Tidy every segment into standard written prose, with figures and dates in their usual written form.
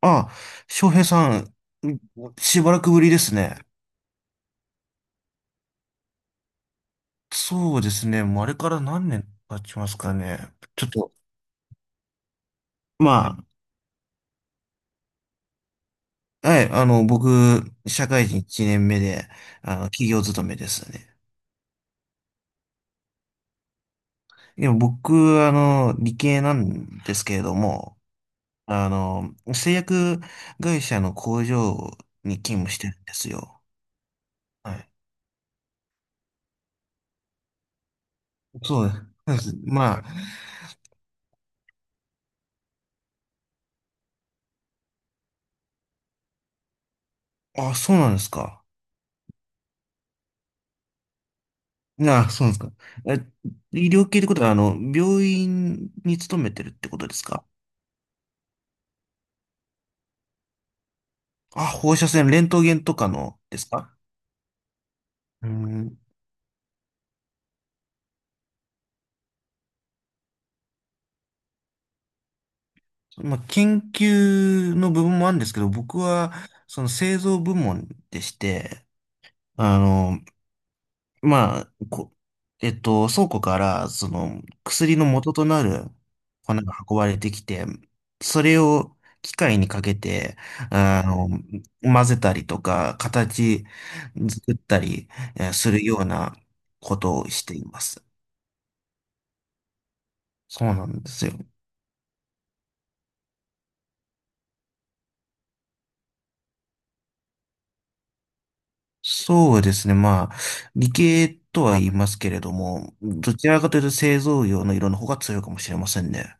あ、翔平さん、んしばらくぶりですね。そうですね。もうあれから何年経ちますかね。ちょっと、まはい、僕、社会人1年目で、企業勤めですね。でも僕、理系なんですけれども、製薬会社の工場に勤務してるんですよ。はい。そうです。まあ、あ、そうなんですか。ああ、そうなんですか。え、医療系ってことは、病院に勤めてるってことですか？あ、放射線、レントゲンとかのですか？うん。まあ、研究の部分もあるんですけど、僕は、その製造部門でして、あの、まあ、こ、えっと、倉庫から、その、薬の元となる粉が運ばれてきて、それを機械にかけて、あの、混ぜたりとか、形作ったりするようなことをしています。そうなんですよ。そうですね。まあ、理系とは言いますけれども、どちらかというと製造業の色の方が強いかもしれませんね。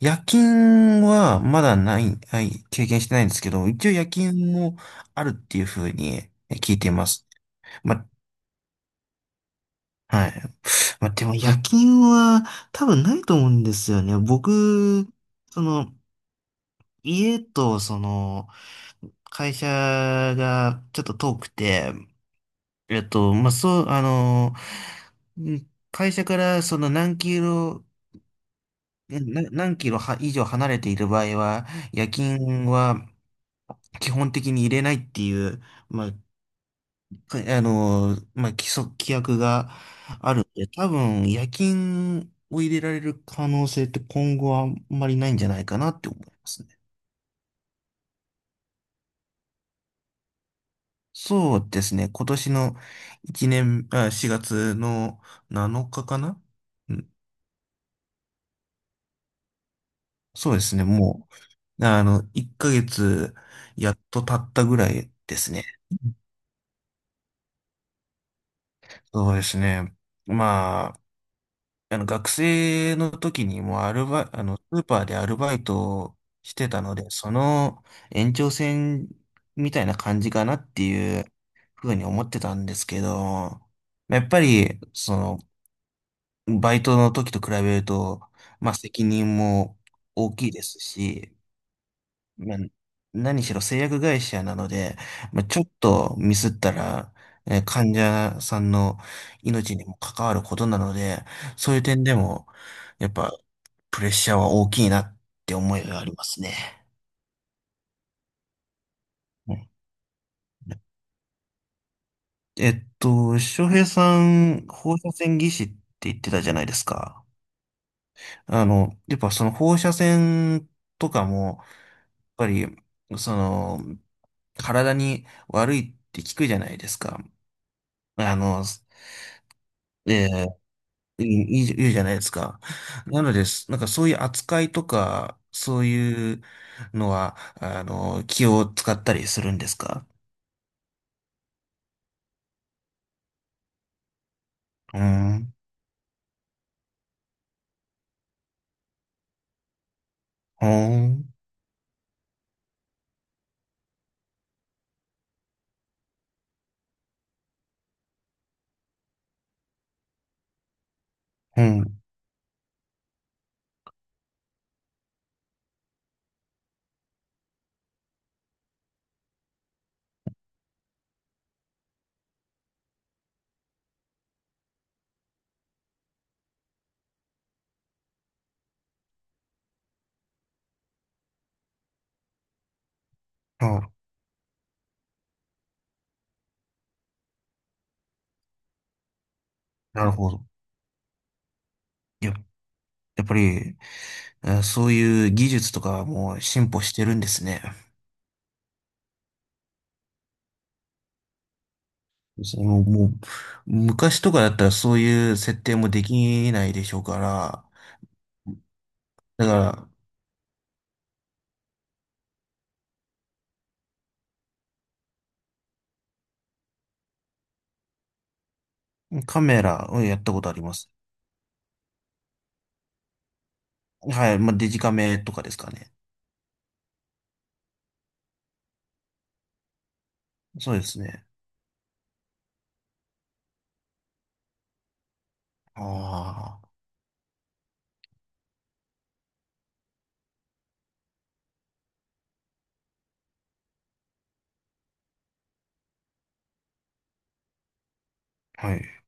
夜勤はまだない、はい、経験してないんですけど、一応夜勤もあるっていうふうに聞いています。ま、はい。ま、でも夜勤は多分ないと思うんですよね。僕、その、家とその、会社がちょっと遠くて、えっと、まあ、そう、あの、うん会社からその何キロで、何キロは以上離れている場合は、夜勤は基本的に入れないっていう、まあ、規約があるんで、多分夜勤を入れられる可能性って今後はあんまりないんじゃないかなって思いますね。そうですね。今年の1年、あ、4月の7日かかな？うんそうですね。もう、1ヶ月やっと経ったぐらいですね。そうですね。まあ、あの学生の時にもうアルバイ、あの、スーパーでアルバイトをしてたので、その延長線みたいな感じかなっていうふうに思ってたんですけど、やっぱり、その、バイトの時と比べると、まあ責任も大きいですし、まあ、何しろ製薬会社なので、まあ、ちょっとミスったら、患者さんの命にも関わることなので、そういう点でも、やっぱ、プレッシャーは大きいなって思いがありますね。うん、えっと、翔平さん、放射線技師って言ってたじゃないですか。あの、やっぱその放射線とかも、やっぱり、その、体に悪いって聞くじゃないですか。あの、ええ、いいじゃないですか。なのです。なんかそういう扱いとか、そういうのは、気を使ったりするんですか？うーん、ほーん、うん、あ、なるほど。や、やっぱり、そういう技術とかはもう進歩してるんですね。そのもう、昔とかだったらそういう設定もできないでしょうから、だかカメラをやったことあります。はい、まあ、デジカメとかですかね。そうですね。ああ、はい。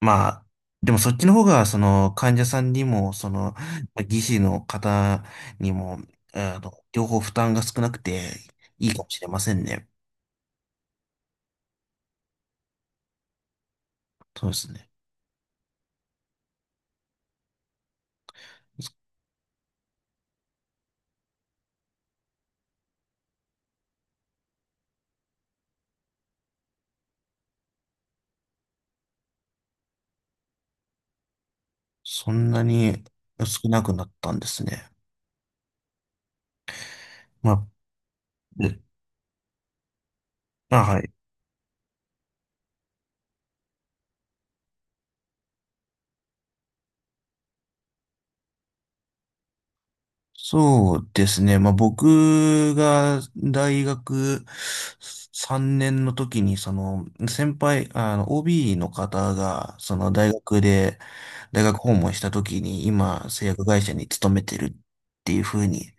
まあ、でもそっちの方が、その、患者さんにも、その、技師の方にも、両方負担が少なくていいかもしれませんね。そうですね。そんなに少なくなったんですね。まあ、であ、はい。そうですね。まあ、僕が大学3年の時に、その、あの、OB の方が、その大学で、大学訪問した時に、今、製薬会社に勤めてるっていうふうに、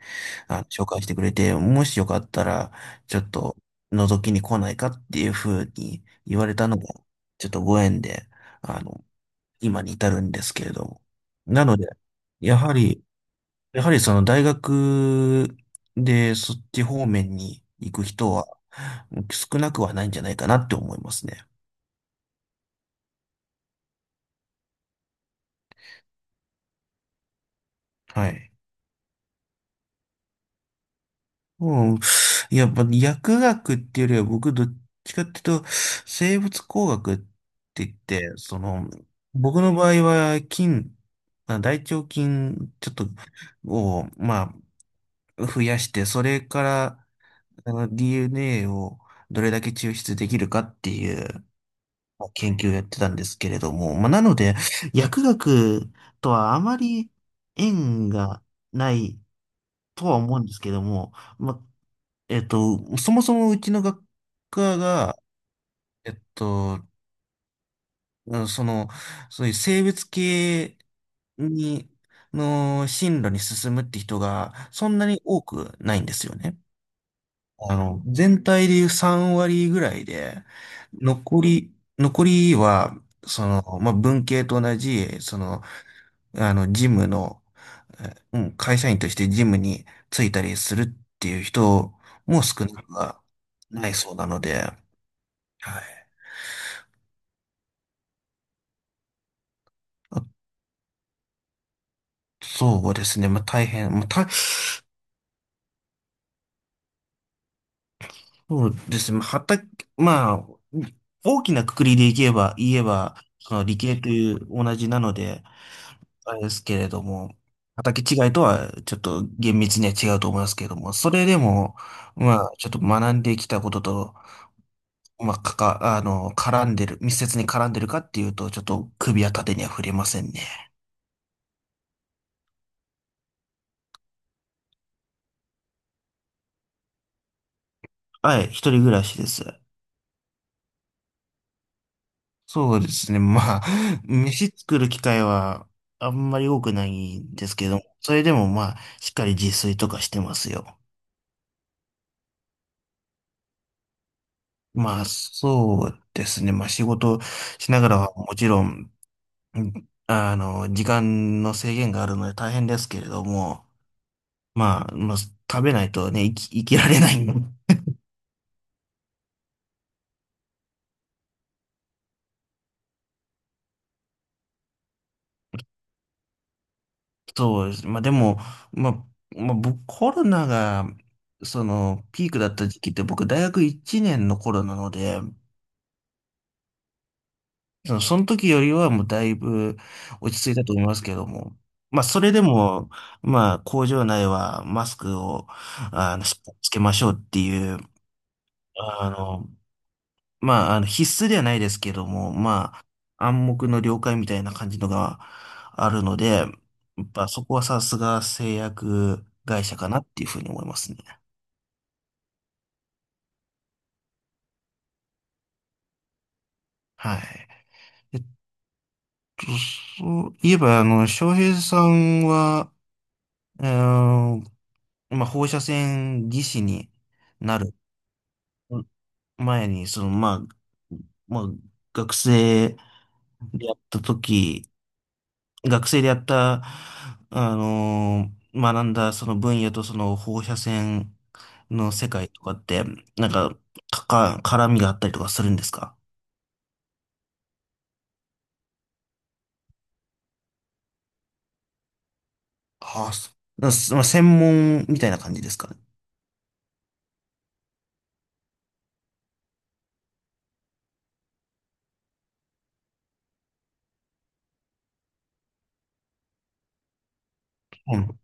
紹介してくれて、もしよかったら、ちょっと、覗きに来ないかっていうふうに言われたのが、ちょっとご縁で、あの、今に至るんですけれども。なので、やはり、やはりその大学でそっち方面に行く人は少なくはないんじゃないかなって思いますね。はい。うん。やっぱ薬学っていうよりは僕どっちかっていうと生物工学って言って、その僕の場合はまあ大腸菌ちょっとを、まあ、増やして、それからあの DNA をどれだけ抽出できるかっていう研究をやってたんですけれども、まあ、なので、薬学とはあまり縁がないとは思うんですけども、まあ、えっと、そもそもうちの学科が、えっと、うんその、そういう生物系に、の進路に進むって人がそんなに多くないんですよね。あの、全体でいう3割ぐらいで、残りは、その、まあ、文系と同じ、その、事務の、うん、会社員として事務に就いたりするっていう人も少なくはないそうなので、はい。あそうですね。まあ、大変。そうですね。まあ畑、まあ、大きな括りで言えば、その理系という同じなので、あれですけれども、畑違いとはちょっと厳密には違うと思いますけれども、それでも、まあ、ちょっと学んできたことと、まあ、あの、絡んでる、密接に絡んでるかっていうと、ちょっと首は縦には触れませんね。はい、一人暮らしです。そうですね。まあ、飯作る機会はあんまり多くないんですけど、それでもまあ、しっかり自炊とかしてますよ。まあ、そうですね。まあ、仕事しながらはもちろん、うんあの、時間の制限があるので大変ですけれども、まあ、まあ、食べないとね、生きられないんで。そうです。まあ、でも、まあ、まあ、僕、コロナが、その、ピークだった時期って僕、大学1年の頃なので、その時よりはもうだいぶ落ち着いたと思いますけども。まあ、それでも、まあ、工場内はマスクを、しっかりつけましょうっていう、あの、必須ではないですけども、まあ、暗黙の了解みたいな感じのがあるので、やっぱそこはさすが製薬会社かなっていうふうに思いますね。はい。えっと、そういえば、翔平さんは、えーまあ、放射線技師になる前に、まあ、学生でやった時、学生でやった、学んだその分野とその放射線の世界とかって、なんか、か絡みがあったりとかするんですか？はあ、まあ、専門みたいな感じですかね。うん、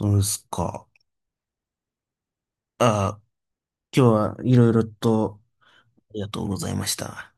そうですか。ああ、今日はいろいろとありがとうございました。